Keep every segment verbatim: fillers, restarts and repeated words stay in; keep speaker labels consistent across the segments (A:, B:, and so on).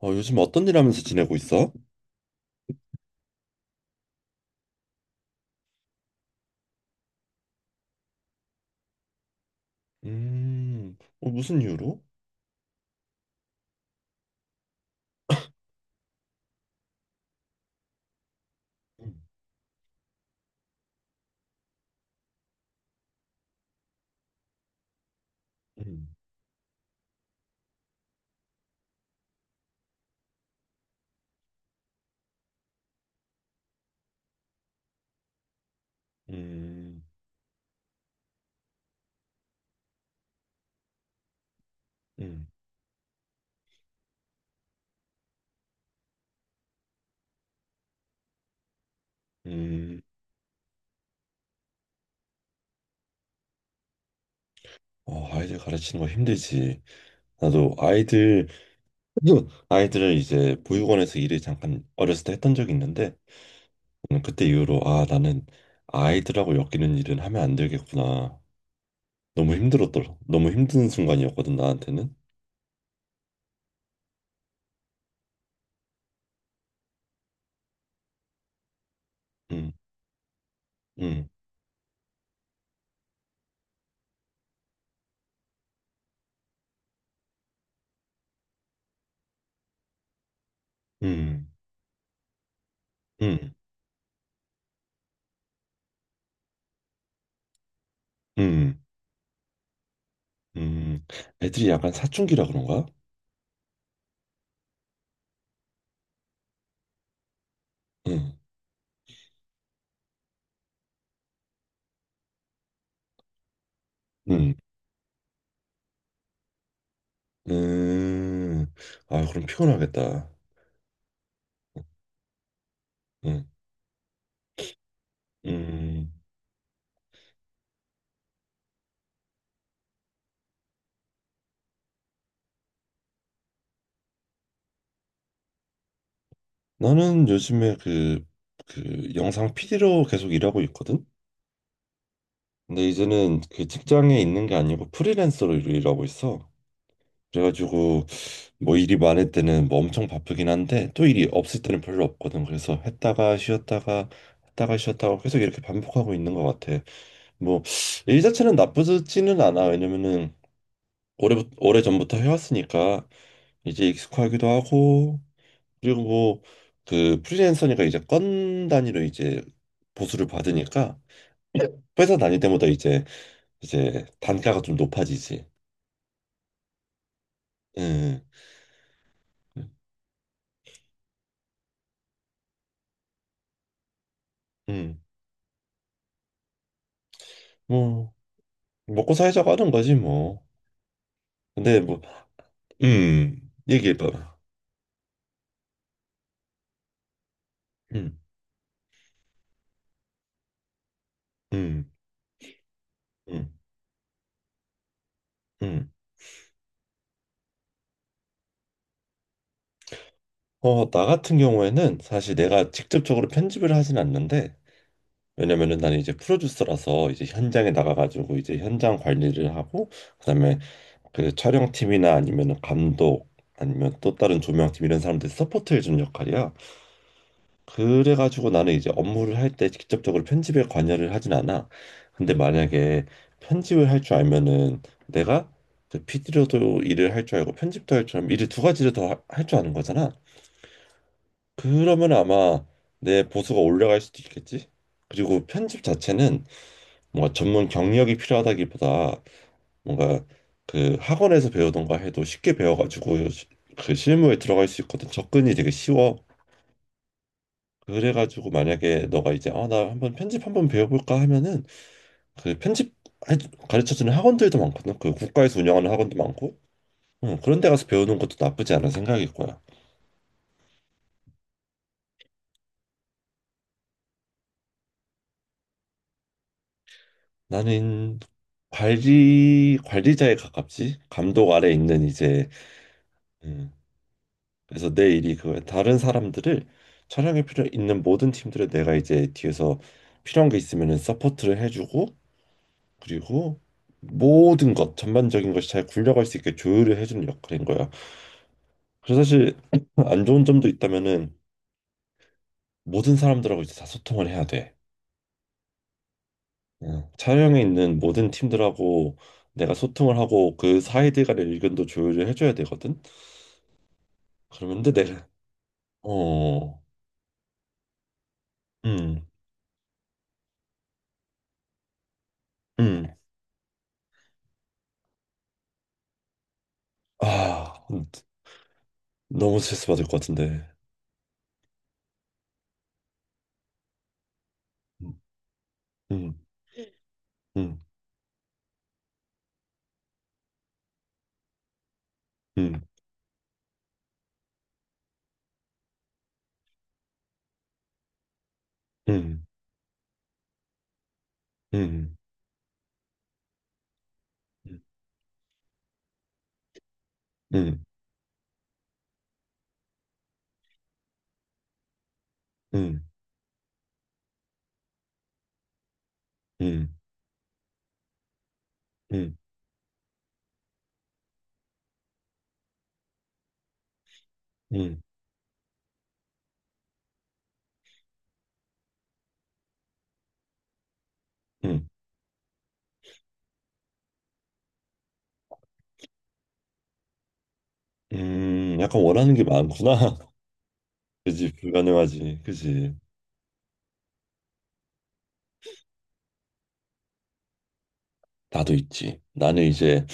A: 어, 요즘 어떤 일 하면서 지내고 있어? 음, 어, 무슨 이유로? 음, 음, 음, 음, 음. 어, 아이들 가르치는 거 힘들지. 나도 아이들, 아이들을 이제 보육원에서 일을 잠깐 어렸을 때 했던 적이 있는데, 음, 그때 이후로, 아, 나는 아이들하고 엮이는 일은 하면 안 되겠구나. 너무 힘들었더라. 너무 힘든 순간이었거든, 나한테는. 음, 음, 음, 음, 음, 음. 애들이 약간 사춘기라 그런가? 응, 응. 음, 아, 그럼 피곤하겠다. 음, 음, 나는 요즘에 그, 그 영상 피디로 계속 일하고 있거든? 근데 이제는 그 직장에 있는 게 아니고 프리랜서로 일- 일하고 있어. 그래가지고 뭐 일이 많을 때는 뭐 엄청 바쁘긴 한데 또 일이 없을 때는 별로 없거든. 그래서 했다가 쉬었다가 했다가 쉬었다가 계속 이렇게 반복하고 있는 것 같아. 뭐 일 자체는 나쁘지는 않아. 왜냐면은 오래 오래 전부터 해왔으니까 이제 익숙하기도 하고 그리고 뭐 그 프리랜서니까 이제 건 단위로 이제 보수를 받으니까 회사 다닐 때마다 이제 이제 단가가 좀 높아지지. 음, 음, 뭐 먹고 살자고 하는 거지 뭐. 근데 뭐, 음, 얘기해봐. 음, 음, 음, 음. 어, 나 같은 경우에는 사실 내가 직접적으로 편집을 하진 않는데 왜냐면은 나는 이제 프로듀서라서 이제 현장에 나가가지고 이제 현장 관리를 하고 그다음에 그 촬영팀이나 아니면은 감독 아니면 또 다른 조명팀 이런 사람들 서포트 해주는 역할이야. 그래가지고 나는 이제 업무를 할 때 직접적으로 편집에 관여를 하진 않아. 근데 만약에 편집을 할 줄 알면은 내가 그 피디로도 일을 할 줄 알고 편집도 할 줄 알면 일을 두 가지를 더 할 줄 아는 거잖아. 그러면 아마 내 보수가 올라갈 수도 있겠지. 그리고 편집 자체는 뭔가 전문 경력이 필요하다기보다 뭔가 그 학원에서 배우던가 해도 쉽게 배워가지고 시- 그 실무에 들어갈 수 있거든. 접근이 되게 쉬워. 그래가지고 만약에 너가 이제 아, 나 한번 편집 한번 배워볼까 하면은 그 편집 해- 가르쳐주는 학원들도 많거든. 그 국가에서 운영하는 학원도 많고. 응, 그런 데 가서 배우는 것도 나쁘지 않은 생각일 거야. 나는 관리 관리자에 가깝지. 감독 아래 있는 이제, 음, 그래서 내 일이 그거야. 다른 사람들을 촬영에 필요 있는 모든 팀들을 내가 이제 뒤에서 필요한 게 있으면은 서포트를 해주고 그리고 모든 것 전반적인 것이 잘 굴려갈 수 있게 조율을 해주는 역할인 거야. 그래서 사실 안 좋은 점도 있다면은 모든 사람들하고 이제 다 소통을 해야 돼. 어, 촬영에 있는 모든 팀들하고 내가 소통을 하고 그 사이들 간의 의견도 조율을 해줘야 되거든. 그러면 근데 내가 어, 음, 음, 아. 너무 스트레스 받을 것 같은데. 음, 음, 음, 음, 음, 음, 음, 음, 음, 음, 음, 음, 음, 음. 약간 원하는 게 많구나. 그지, 불가능하지. 그지. 나도 있지. 나는 이제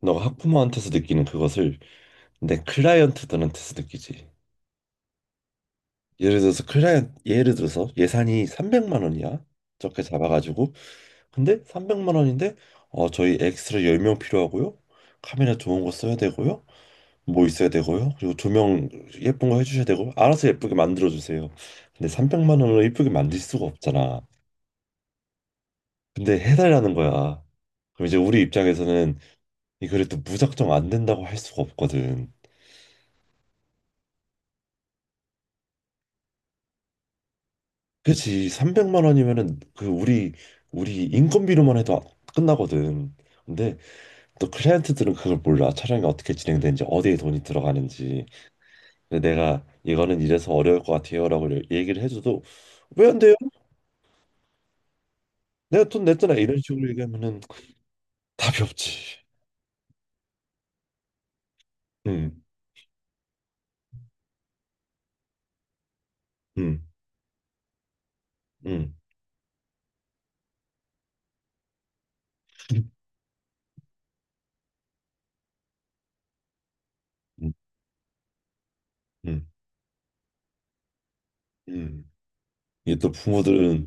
A: 너가 학부모한테서 느끼는 그것을 내 클라이언트들한테서 느끼지. 예를 들어서 클라이언트, 예를 들어서 예산이 삼백만 원이야. 적게 잡아가지고. 근데 삼백만 원인데, 어, 저희 엑스트라 열 명 필요하고요. 카메라 좋은 거 써야 되고요. 뭐 있어야 되고요. 그리고 두 명 예쁜 거 해주셔야 되고 알아서 예쁘게 만들어 주세요. 근데 삼백만 원으로 예쁘게 만들 수가 없잖아. 근데 해달라는 거야. 그럼 이제 우리 입장에서는 이 글이 또 무작정 안 된다고 할 수가 없거든. 그치? 삼백만 원이면은 그 우리 우리 인건비로만 해도 끝나거든. 근데 또 클라이언트들은 그걸 몰라. 촬영이 어떻게 진행되는지 어디에 돈이 들어가는지. 근데 내가 이거는 이래서 어려울 것 같아요라고 얘기를 해줘도 왜 안 돼요? 내가 돈 냈잖아 이런 식으로 얘기하면은 답이 없지. 응. 응. 응. 응. 응. 응. 이게 또 부모들은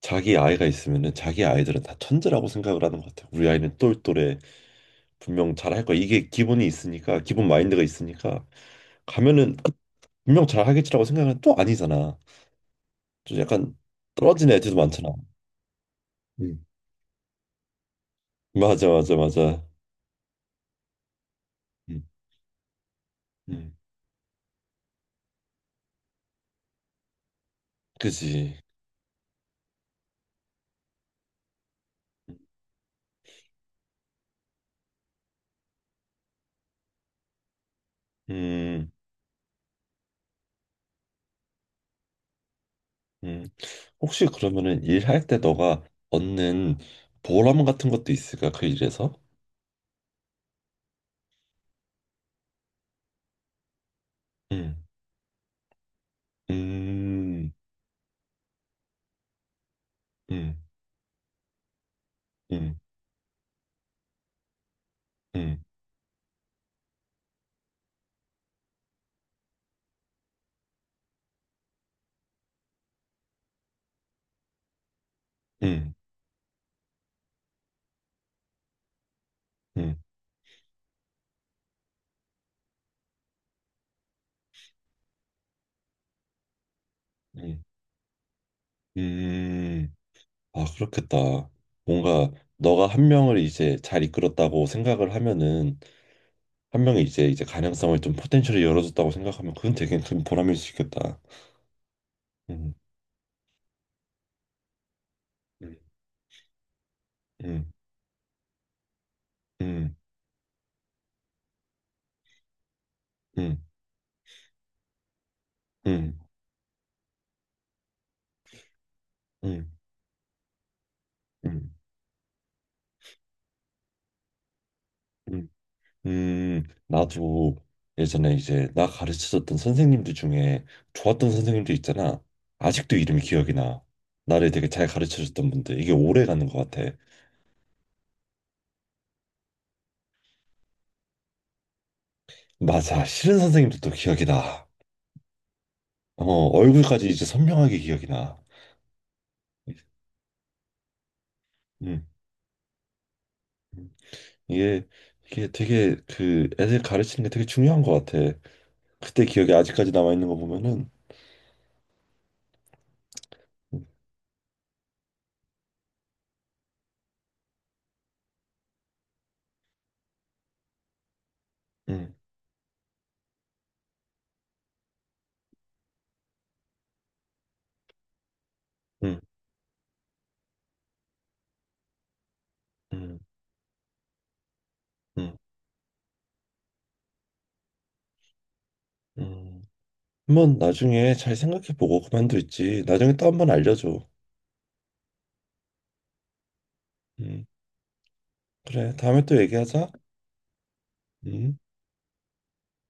A: 자기 아이가 있으면은 자기 아이들은 다 천재라고 생각을 하는 것 같아. 우리 아이는 똘똘해. 분명 잘할 거야. 이게 기본이 있으니까, 기본 마인드가 있으니까 가면은 분명 잘하겠지라고 생각은 또 아니잖아. 좀 약간 떨어지는 애들도 많잖아. 응, 맞아, 맞아, 맞아. 응, 응, 그지. 음. 음. 음, 혹시 그러면은 일할 때 너가 얻는 보람 같은 것도 있을까? 그 일에서? 음, 음, 음, 음, 음, 음, 음, 음, 음. 아, 그렇겠다. 뭔가 너가 한 명을 이제 잘 이끌었다고 생각을 하면은 한 명이 이제 이제 가능성을 좀 포텐셜을 열어줬다고 생각하면 그건 되게 큰 보람일 수 있겠다. 음, 음, 음, 음, 음, 음, 음, 음, 음, 음, 나도 예전에 이제 나 가르쳐줬던 선생님들 중에 좋았던 선생님들 있잖아. 아직도 이름이 기억이 나. 나를 되게 잘 가르쳐줬던 분들. 이게 오래 가는 것 같아. 맞아. 싫은 선생님들도 기억이 나. 어, 얼굴까지 이제 선명하게 기억이 나. 음. 이게, 이게 되게 그 애들 가르치는 게 되게 중요한 것 같아. 그때 기억이 아직까지 남아있는 거 보면은. 음, 음, 음, 음, 음. 음. 한번 나중에 잘 생각해보고 그만둘지 나중에 또 한번 알려줘. 음, 그래, 다음에 또 얘기하자. 음.